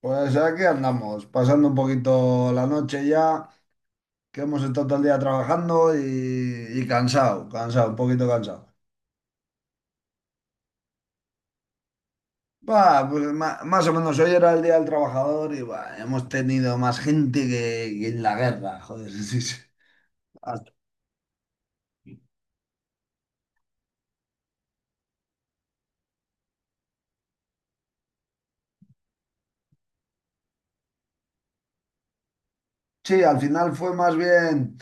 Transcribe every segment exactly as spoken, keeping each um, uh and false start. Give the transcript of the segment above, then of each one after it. Pues aquí andamos, pasando un poquito la noche ya, que hemos estado todo el día trabajando y, y cansado, cansado, un poquito cansado. Va, pues ma- más o menos hoy era el Día del Trabajador y bah, hemos tenido más gente que, que en la guerra, joder. Sí, sí. Al sí, al final fue más bien,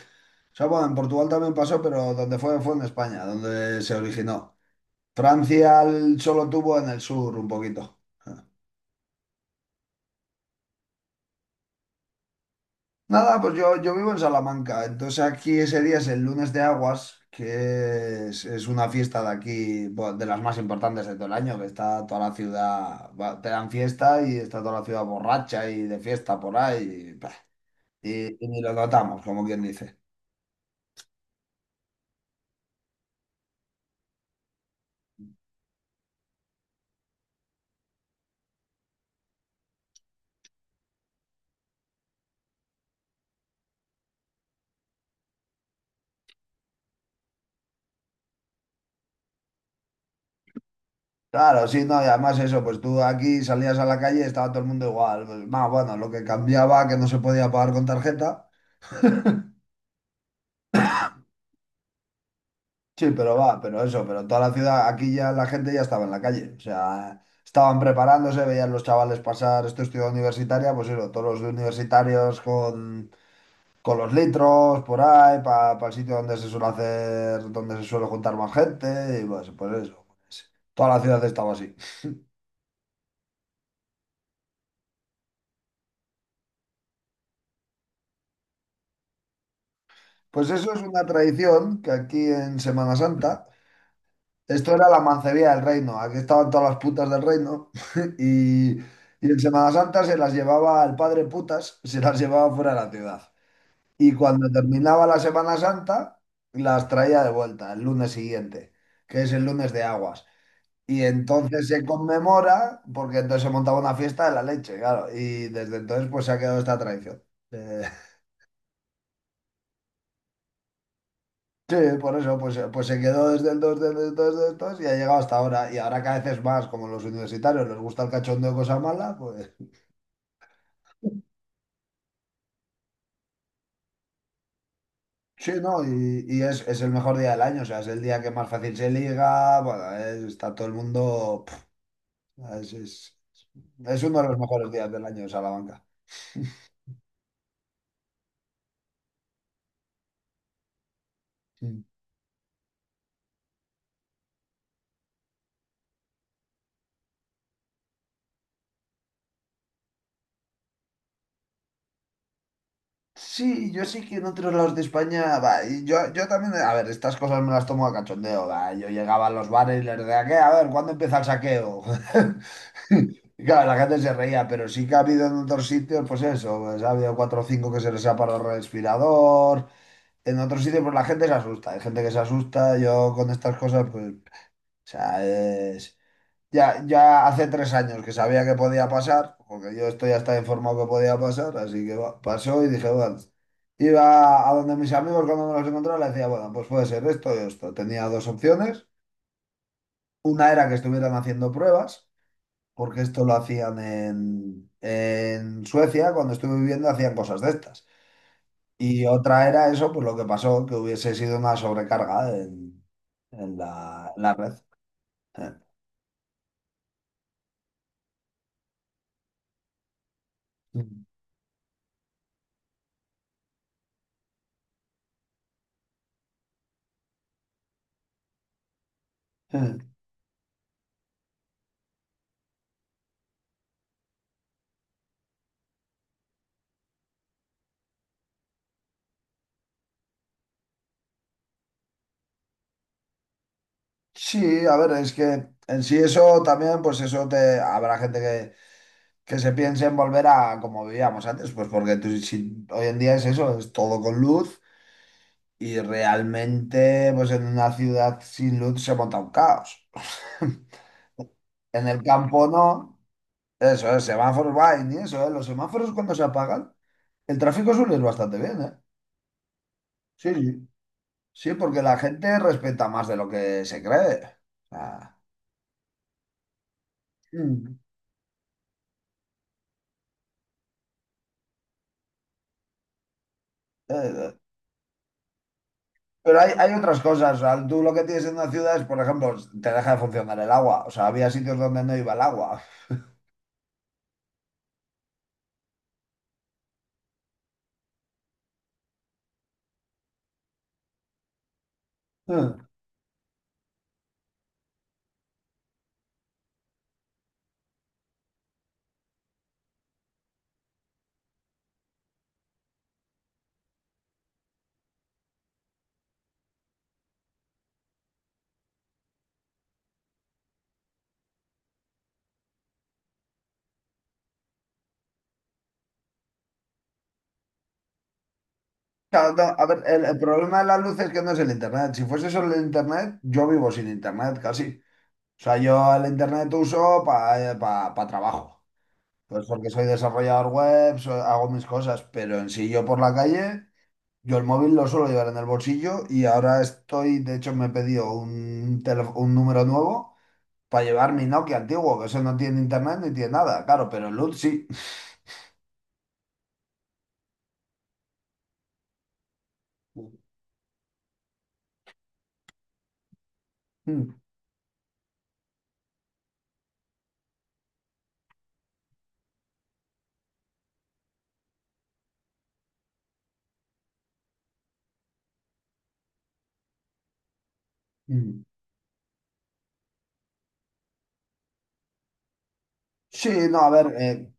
o sea, bueno, en Portugal también pasó, pero donde fue fue en España, donde se originó. Francia l- solo tuvo en el sur un poquito. Nada, pues yo, yo vivo en Salamanca, entonces aquí ese día es el lunes de Aguas, que es, es una fiesta de aquí, bueno, de las más importantes de todo el año, que está toda la ciudad, va, te dan fiesta y está toda la ciudad borracha y de fiesta por ahí, y, bah, y- y ni lo notamos, como quien dice. Claro, sí, no, y además eso, pues tú aquí salías a la calle y estaba todo el mundo igual, pues, más bueno, lo que cambiaba que no se podía pagar con tarjeta. Sí, pero va, pero eso, pero toda la ciudad, aquí ya la gente ya estaba en la calle, o sea, estaban preparándose, veían los chavales pasar, esto es ciudad universitaria, pues eso, todos los universitarios con, con los litros por ahí, para el sitio donde se suele hacer, donde se suele juntar más gente, y pues, pues eso, toda la ciudad estaba así. Pues eso es una tradición que aquí en Semana Santa... Esto era la mancebía del reino. Aquí estaban todas las putas del reino. Y, y en Semana Santa se las llevaba el padre putas, se las llevaba fuera de la ciudad. Y cuando terminaba la Semana Santa, las traía de vuelta el lunes siguiente, que es el lunes de aguas. Y entonces se conmemora, porque entonces se montaba una fiesta de la leche, claro. Y desde entonces pues se ha quedado esta tradición. Eh, Sí, por eso, pues, eh, pues se quedó desde el dos, desde el dos, desde el dos y ha llegado hasta ahora. Y ahora cada vez es más, como los universitarios les gusta el cachondo de cosas malas, pues sí, ¿no? Y, y es, es el mejor día del año, o sea, es el día que más fácil se liga, bueno, es- está todo el mundo... Pf, es, es, es uno de los mejores días del año, Salamanca. Mm. Sí, yo sí que en otros lados de España, va, y yo, yo también, a ver, estas cosas me las tomo a cachondeo, va, yo llegaba a los bares y les decía, ¿qué? A ver, ¿cuándo empieza el saqueo? Y claro, la gente se reía, pero sí que ha habido en otros sitios, pues eso, pues ha habido cuatro o cinco que se les ha parado el respirador, en otros sitios pues la gente se asusta, hay gente que se asusta, yo con estas cosas, pues, o sea, es ya, ya hace tres años que sabía que podía pasar, porque yo estoy hasta informado que podía pasar, así que va- pasó y dije, bueno, iba a donde mis amigos cuando me los encontraba, le decía, bueno, pues puede ser esto y esto. Tenía dos opciones. Una era que estuvieran haciendo pruebas, porque esto lo hacían en, en Suecia, cuando estuve viviendo hacían cosas de estas. Y otra era eso, pues lo que pasó, que hubiese sido una sobrecarga en, en la, en la red. Sí, a ver, es que en sí eso también, pues eso te habrá gente que, que se piense en volver a como vivíamos antes, pues porque tú, si, hoy en día es eso, es todo con luz y realmente pues en una ciudad sin luz se monta un caos. En el campo no, eso es, semáforos va y ni eso, ¿eh? Los semáforos cuando se apagan, el tráfico suele ir bastante bien, ¿eh? Sí, sí, sí, porque la gente respeta más de lo que se cree. O sea, mm, eh, pero hay, hay otras cosas, o sea, tú lo que tienes en una ciudad es, por ejemplo, te deja de funcionar el agua, o sea, había sitios donde no iba el agua. Hmm. Claro, no, a ver, el, el problema de la luz es que no es el internet. Si fuese solo el internet, yo vivo sin internet casi. O sea, yo el internet uso para trabajo. Pues porque soy desarrollador web, so- hago mis cosas, pero en sí yo por la calle, yo el móvil lo suelo llevar en el bolsillo y ahora estoy, de hecho me he pedido un, tele- un número nuevo para llevar mi Nokia antiguo, que eso no tiene internet ni tiene nada, claro, pero el L U T sí. Mm, mm. Sí, no, a ver, eh,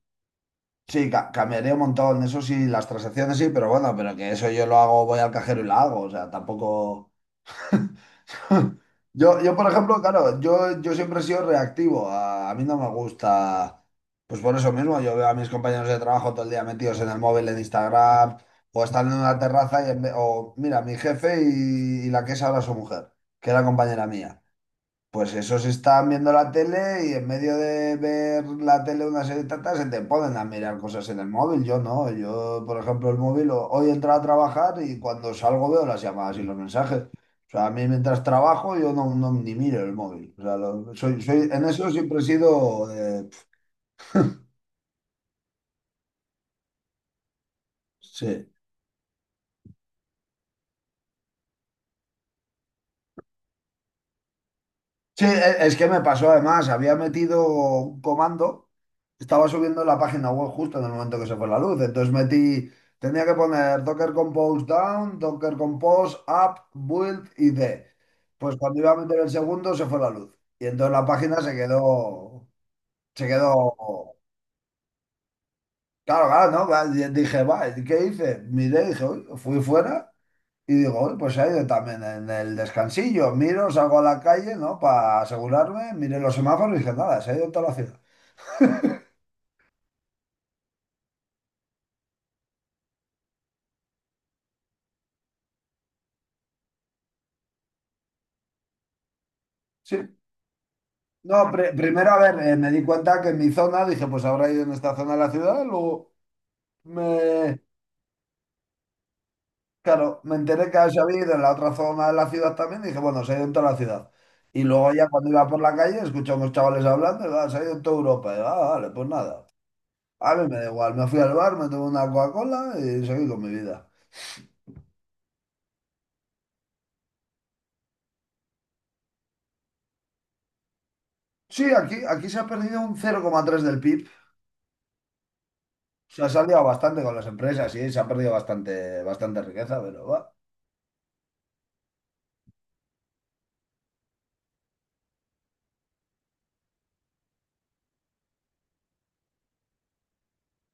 sí, ca- cambiaría un montón, eso sí, las transacciones sí, pero bueno, pero que eso yo lo hago, voy al cajero y lo hago, o sea, tampoco... Yo, yo, por ejemplo, claro, yo, yo siempre he sido reactivo. A, a mí no me gusta, pues por eso mismo, yo veo a mis compañeros de trabajo todo el día metidos en el móvil, en Instagram, o están en una terraza y en ve- o mira, mi jefe y, y la que es ahora su mujer, que era compañera mía. Pues esos están viendo la tele y en medio de ver la tele una serie de tantas se te ponen a mirar cosas en el móvil. Yo no, yo por ejemplo el móvil o- hoy he entrado a trabajar y cuando salgo veo las llamadas y los mensajes. O sea, a mí mientras trabajo yo no, no ni miro el móvil. O sea, lo- soy, soy, en eso siempre he sido... eh, sí. Sí, e- es que me pasó además, había metido un comando, estaba subiendo la página web justo en el momento que se fue la luz, entonces metí, tenía que poner Docker Compose down, Docker Compose up, build y d. Pues cuando iba a meter el segundo se fue la luz y entonces la página se quedó, se quedó, claro, claro, ¿no? Va, y dije, va, ¿qué hice? Miré, dije, uy, fui fuera. Y digo, "Uy, pues se ha ido también en el descansillo". Miro, salgo a la calle, ¿no? Para asegurarme, miré los semáforos y dije, nada, se ha ido en toda la ciudad. Sí. No, pri- primero, a ver, eh, me di cuenta que en mi zona, dije, pues habrá ido en esta zona de la ciudad. Luego me, claro, me enteré que se había ido en la otra zona de la ciudad también. Dije, bueno, se ha ido en toda la ciudad. Y luego ya cuando iba por la calle, escuché a unos chavales hablando, y, "Ah, se ha ido en toda Europa". Y, ah, vale, pues nada. A mí me da igual, me fui al bar, me tomé una Coca-Cola y seguí con mi vida. Sí, aquí, aquí se ha perdido un cero coma tres del P I B. O sea, se ha salido bastante con las empresas y se ha perdido bastante, bastante riqueza, pero va.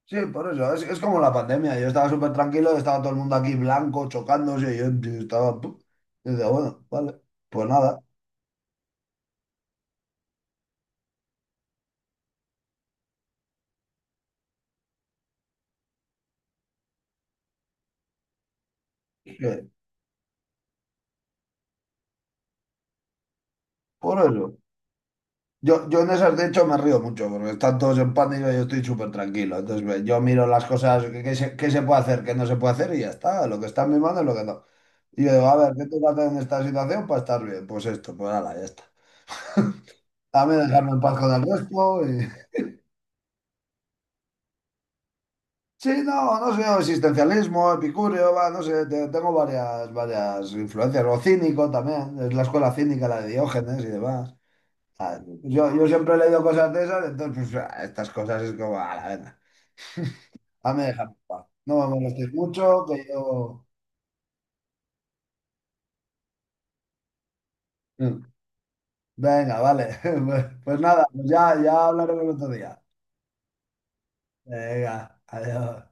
Sí, por eso. Es, es como la pandemia. Yo estaba súper tranquilo, estaba todo el mundo aquí blanco, chocándose. Y yo, yo estaba. pu- Y decía, bueno, vale. Pues nada. eh, por eso. Yo, yo en esas, de hecho, me río mucho, porque están todos en pánico y yo estoy súper tranquilo. Entonces, ve, yo miro las cosas que, que se, que se puede hacer, que no se puede hacer y ya está. Lo que está en mi mano es lo que no. Y yo digo, a ver, ¿qué tengo que hacer en esta situación para estar bien? Pues esto, pues nada, ya está. Dame dejarme en paz con el resto. y- Sí, no, no sé, existencialismo, epicurio, va, no sé, te- tengo varias, varias influencias. O cínico también, es la escuela cínica, la de Diógenes y demás. Ah, Yo, yo siempre he leído cosas de esas, entonces pues, ah, estas cosas es como, a la venga, dame dejarme en paz. No me molestéis mucho, que yo... Mm, venga, vale. Pues, pues nada, pues ya, ya hablaremos otro día. Venga, adiós.